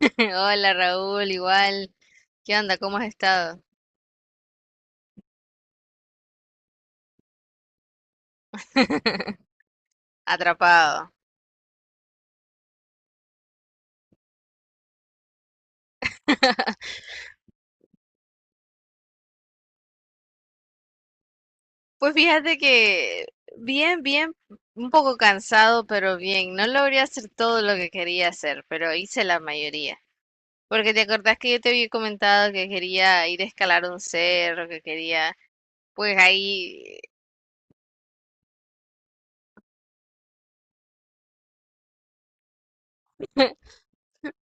Hola Raúl, igual. ¿Qué onda? ¿Cómo has estado? Atrapado. Pues fíjate que bien, bien, un poco cansado, pero bien. No logré hacer todo lo que quería hacer, pero hice la mayoría. Porque te acordás que yo te había comentado que quería ir a escalar un cerro, que quería, pues ahí,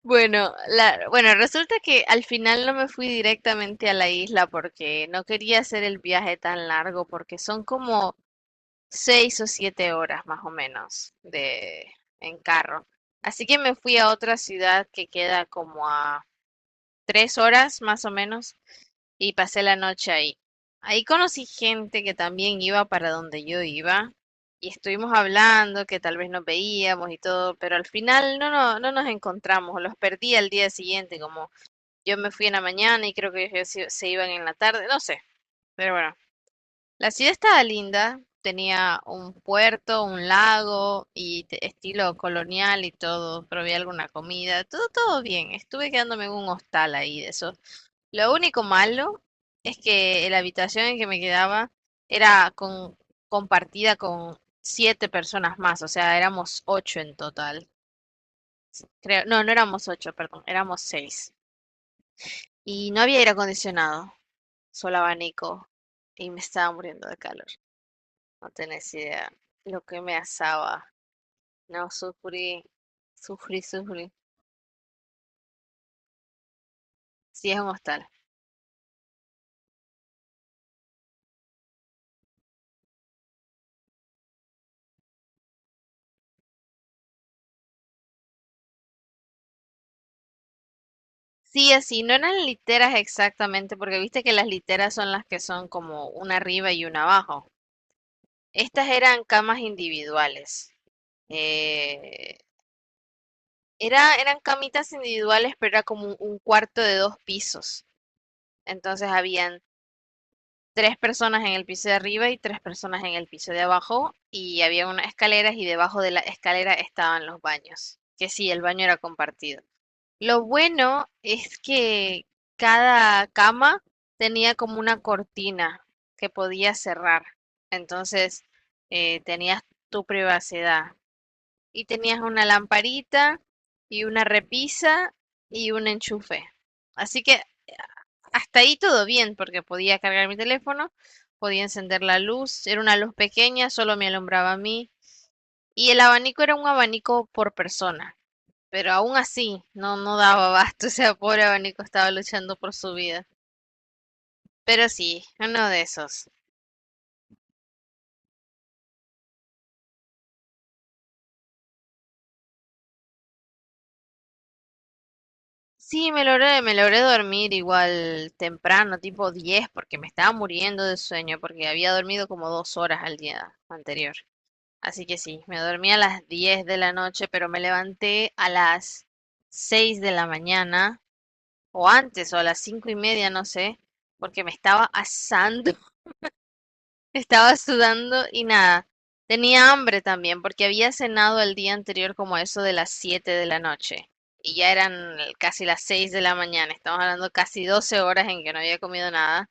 bueno, bueno, resulta que al final no me fui directamente a la isla porque no quería hacer el viaje tan largo, porque son como 6 o 7 horas más o menos en carro. Así que me fui a otra ciudad que queda como a 3 horas más o menos y pasé la noche ahí. Ahí conocí gente que también iba para donde yo iba y estuvimos hablando que tal vez nos veíamos y todo, pero al final no, no, no nos encontramos, los perdí al día siguiente, como yo me fui en la mañana y creo que ellos se iban en la tarde, no sé, pero bueno, la ciudad estaba linda, tenía un puerto, un lago y estilo colonial y todo. Probé alguna comida, todo, todo bien. Estuve quedándome en un hostal ahí de eso. Lo único malo es que la habitación en que me quedaba era compartida con siete personas más, o sea, éramos ocho en total. Creo, no, no éramos ocho, perdón, éramos seis. Y no había aire acondicionado, solo abanico. Y me estaba muriendo de calor. No tenés idea lo que me asaba. No, sufrí, sufrí, sufrí. Sí, es un hostal. Sí, así, no eran literas exactamente, porque viste que las literas son las que son como una arriba y una abajo. Estas eran camas individuales. Eh, eran camitas individuales, pero era como un cuarto de dos pisos. Entonces habían tres personas en el piso de arriba y tres personas en el piso de abajo y había unas escaleras y debajo de la escalera estaban los baños, que sí, el baño era compartido. Lo bueno es que cada cama tenía como una cortina que podías cerrar, entonces tenías tu privacidad y tenías una lamparita y una repisa y un enchufe. Así que hasta ahí todo bien, porque podía cargar mi teléfono, podía encender la luz, era una luz pequeña, solo me alumbraba a mí, y el abanico era un abanico por persona, pero aún así no daba abasto, o sea, pobre abanico estaba luchando por su vida. Pero sí, uno de esos. Sí, me logré dormir igual temprano, tipo 10, porque me estaba muriendo de sueño, porque había dormido como 2 horas al día anterior. Así que sí, me dormí a las 10 de la noche, pero me levanté a las 6 de la mañana, o antes, o a las 5 y media, no sé, porque me estaba asando, estaba sudando y nada. Tenía hambre también, porque había cenado el día anterior como a eso de las 7 de la noche. Y ya eran casi las 6 de la mañana, estamos hablando casi 12 horas en que no había comido nada.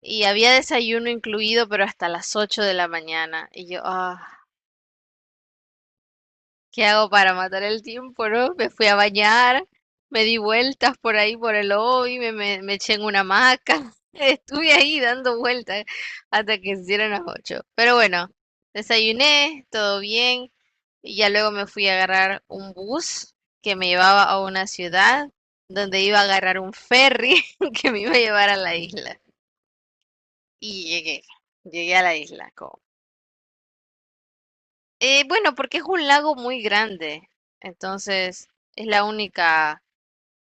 Y había desayuno incluido, pero hasta las 8 de la mañana. Y yo, ¿qué hago para matar el tiempo, no? Me fui a bañar, me di vueltas por ahí por el lobby, me eché en una hamaca. Estuve ahí dando vueltas hasta que se hicieron las 8. Pero bueno, desayuné, todo bien, y ya luego me fui a agarrar un bus que me llevaba a una ciudad donde iba a agarrar un ferry que me iba a llevar a la isla. Y llegué a la isla. Bueno, porque es un lago muy grande, entonces es la única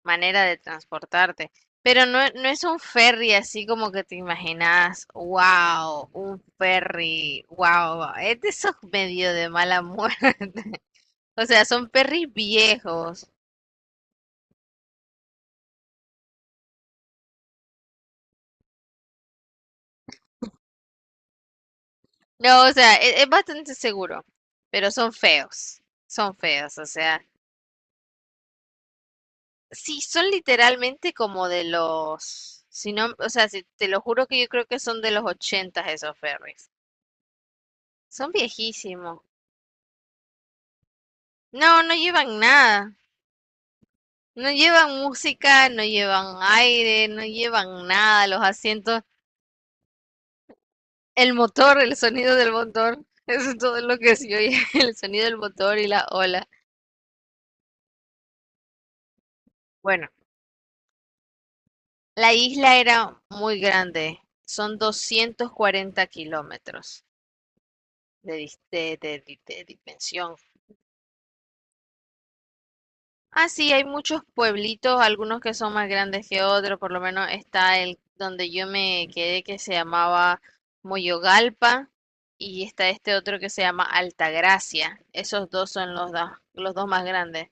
manera de transportarte. Pero no, no es un ferry así como que te imaginas, wow, un ferry, wow, es de esos medio de mala muerte. O sea, son ferries viejos. No, o sea, es, bastante seguro, pero son feos, o sea. Sí, son literalmente como de los, si no, o sea, te lo juro que yo creo que son de los ochentas esos ferries. Son viejísimos. No, no llevan nada. No llevan música, no llevan aire, no llevan nada. Los asientos, el motor, el sonido del motor. Eso es todo lo que se oye, el sonido del motor y la ola. Bueno, la isla era muy grande. Son 240 kilómetros de, dis- de dimensión. Ah, sí, hay muchos pueblitos, algunos que son más grandes que otros, por lo menos está el donde yo me quedé que se llamaba Moyogalpa y está este otro que se llama Altagracia. Esos dos son los dos más grandes.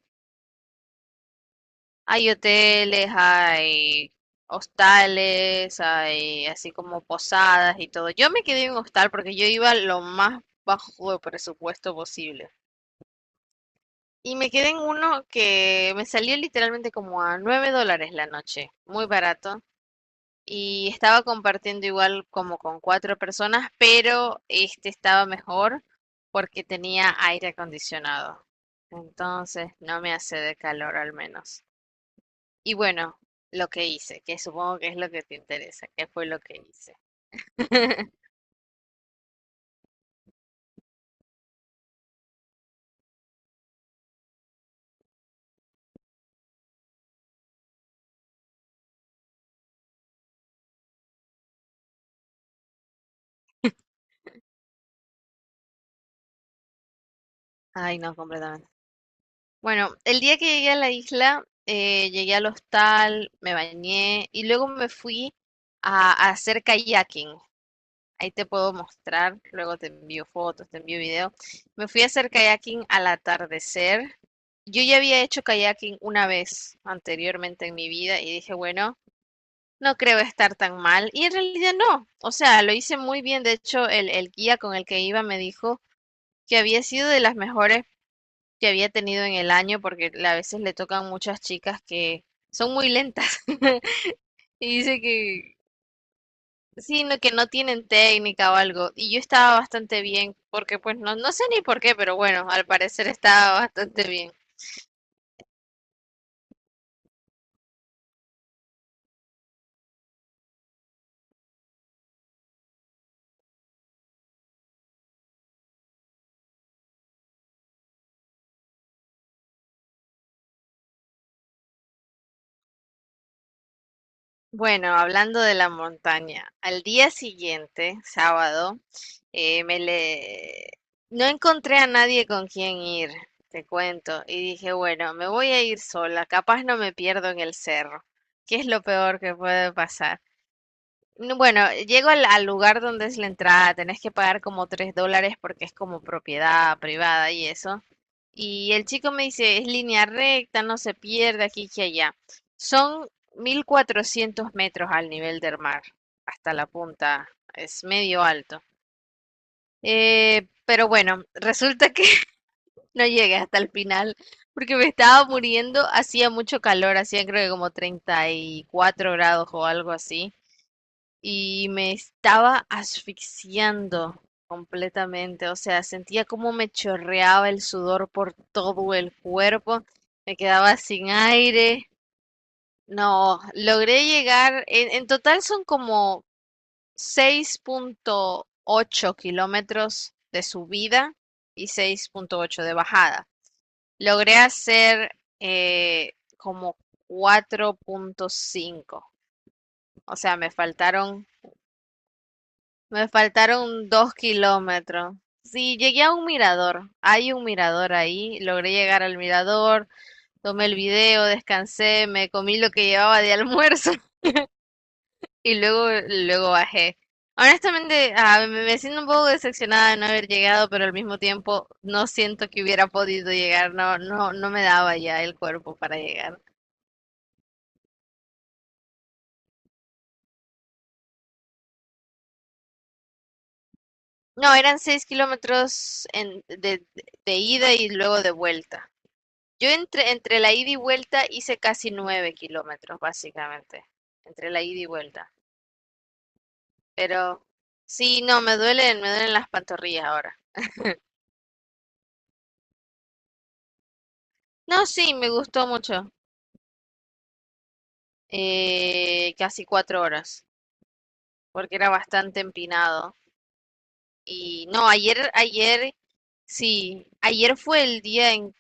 Hay hoteles, hay hostales, hay así como posadas y todo. Yo me quedé en un hostal porque yo iba lo más bajo de presupuesto posible. Y me quedé en uno que me salió literalmente como a $9 la noche, muy barato. Y estaba compartiendo igual como con cuatro personas, pero este estaba mejor porque tenía aire acondicionado. Entonces no me hace de calor al menos. Y bueno, lo que hice, que supongo que es lo que te interesa, que fue lo que hice. Ay, no, completamente. Bueno, el día que llegué a la isla, llegué al hostal, me bañé y luego me fui a hacer kayaking. Ahí te puedo mostrar, luego te envío fotos, te envío videos. Me fui a hacer kayaking al atardecer. Yo ya había hecho kayaking una vez anteriormente en mi vida y dije, bueno, no creo estar tan mal. Y en realidad no. O sea, lo hice muy bien. De hecho, el guía con el que iba me dijo que había sido de las mejores que había tenido en el año, porque a veces le tocan muchas chicas que son muy lentas. Y dice que sí, no, que no tienen técnica o algo. Y yo estaba bastante bien, porque pues no, no sé ni por qué, pero bueno, al parecer estaba bastante bien. Bueno, hablando de la montaña, al día siguiente, sábado, eh, me le... no encontré a nadie con quien ir, te cuento, y dije, bueno, me voy a ir sola, capaz no me pierdo en el cerro, que es lo peor que puede pasar. No, bueno, llego al lugar donde es la entrada, tenés que pagar como $3 porque es como propiedad privada y eso. Y el chico me dice, es línea recta, no se pierde aquí y allá. Son 1.400 metros al nivel del mar, hasta la punta, es medio alto. Pero bueno, resulta que no llegué hasta el final porque me estaba muriendo, hacía mucho calor, hacía creo que como 34 grados o algo así y me estaba asfixiando completamente, o sea, sentía como me chorreaba el sudor por todo el cuerpo, me quedaba sin aire, no, logré llegar, en total son como 6,8 kilómetros de subida y 6,8 de bajada. Logré hacer como 4,5, o sea, me faltaron 2 kilómetros. Sí, llegué a un mirador. Hay un mirador ahí. Logré llegar al mirador, tomé el video, descansé, me comí lo que llevaba de almuerzo y luego bajé. Honestamente, me siento un poco decepcionada de no haber llegado, pero al mismo tiempo no siento que hubiera podido llegar. No, no, no me daba ya el cuerpo para llegar. No, eran 6 kilómetros de ida y luego de vuelta. Yo entre la ida y vuelta hice casi 9 kilómetros, básicamente, entre la ida y vuelta. Pero sí, no, me duelen las pantorrillas ahora. No, sí, me gustó mucho, casi 4 horas, porque era bastante empinado. Y no, ayer, ayer, sí, ayer fue el día en,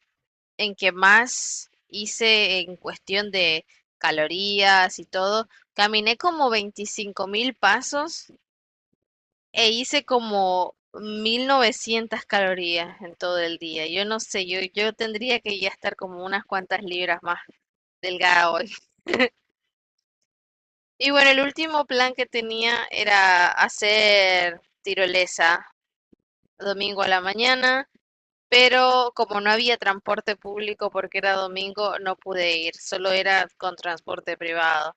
en que más hice en cuestión de calorías y todo. Caminé como 25.000 pasos e hice como 1.900 calorías en todo el día. Yo no sé, yo tendría que ya estar como unas cuantas libras más delgada hoy. Y bueno, el último plan que tenía era hacer tirolesa domingo a la mañana, pero como no había transporte público porque era domingo, no pude ir, solo era con transporte privado.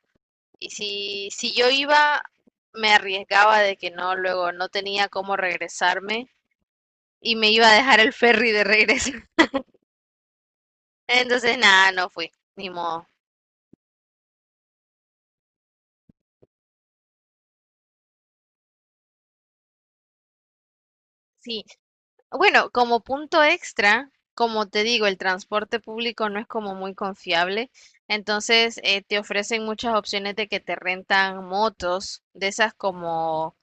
Y si yo iba, me arriesgaba de que no, luego no tenía cómo regresarme y me iba a dejar el ferry de regreso. Entonces, nada, no fui, ni modo. Sí, bueno, como punto extra, como te digo, el transporte público no es como muy confiable. Entonces, te ofrecen muchas opciones de que te rentan motos, de esas como...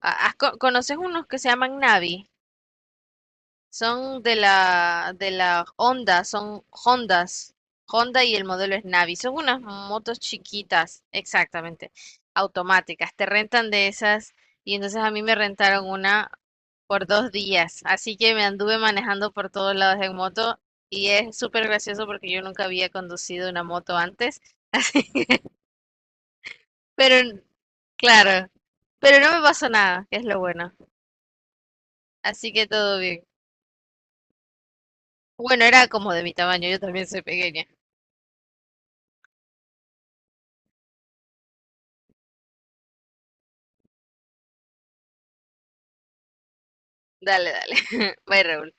¿Conoces unos que se llaman Navi? Son de la Honda, son Hondas. Honda y el modelo es Navi. Son unas motos chiquitas, exactamente, automáticas. Te rentan de esas y entonces a mí me rentaron una por 2 días. Así que me anduve manejando por todos lados en moto y es súper gracioso porque yo nunca había conducido una moto antes. Pero claro, pero no me pasó nada, que es lo bueno. Así que todo bien. Bueno, era como de mi tamaño, yo también soy pequeña. Dale, dale. Bye, Raúl.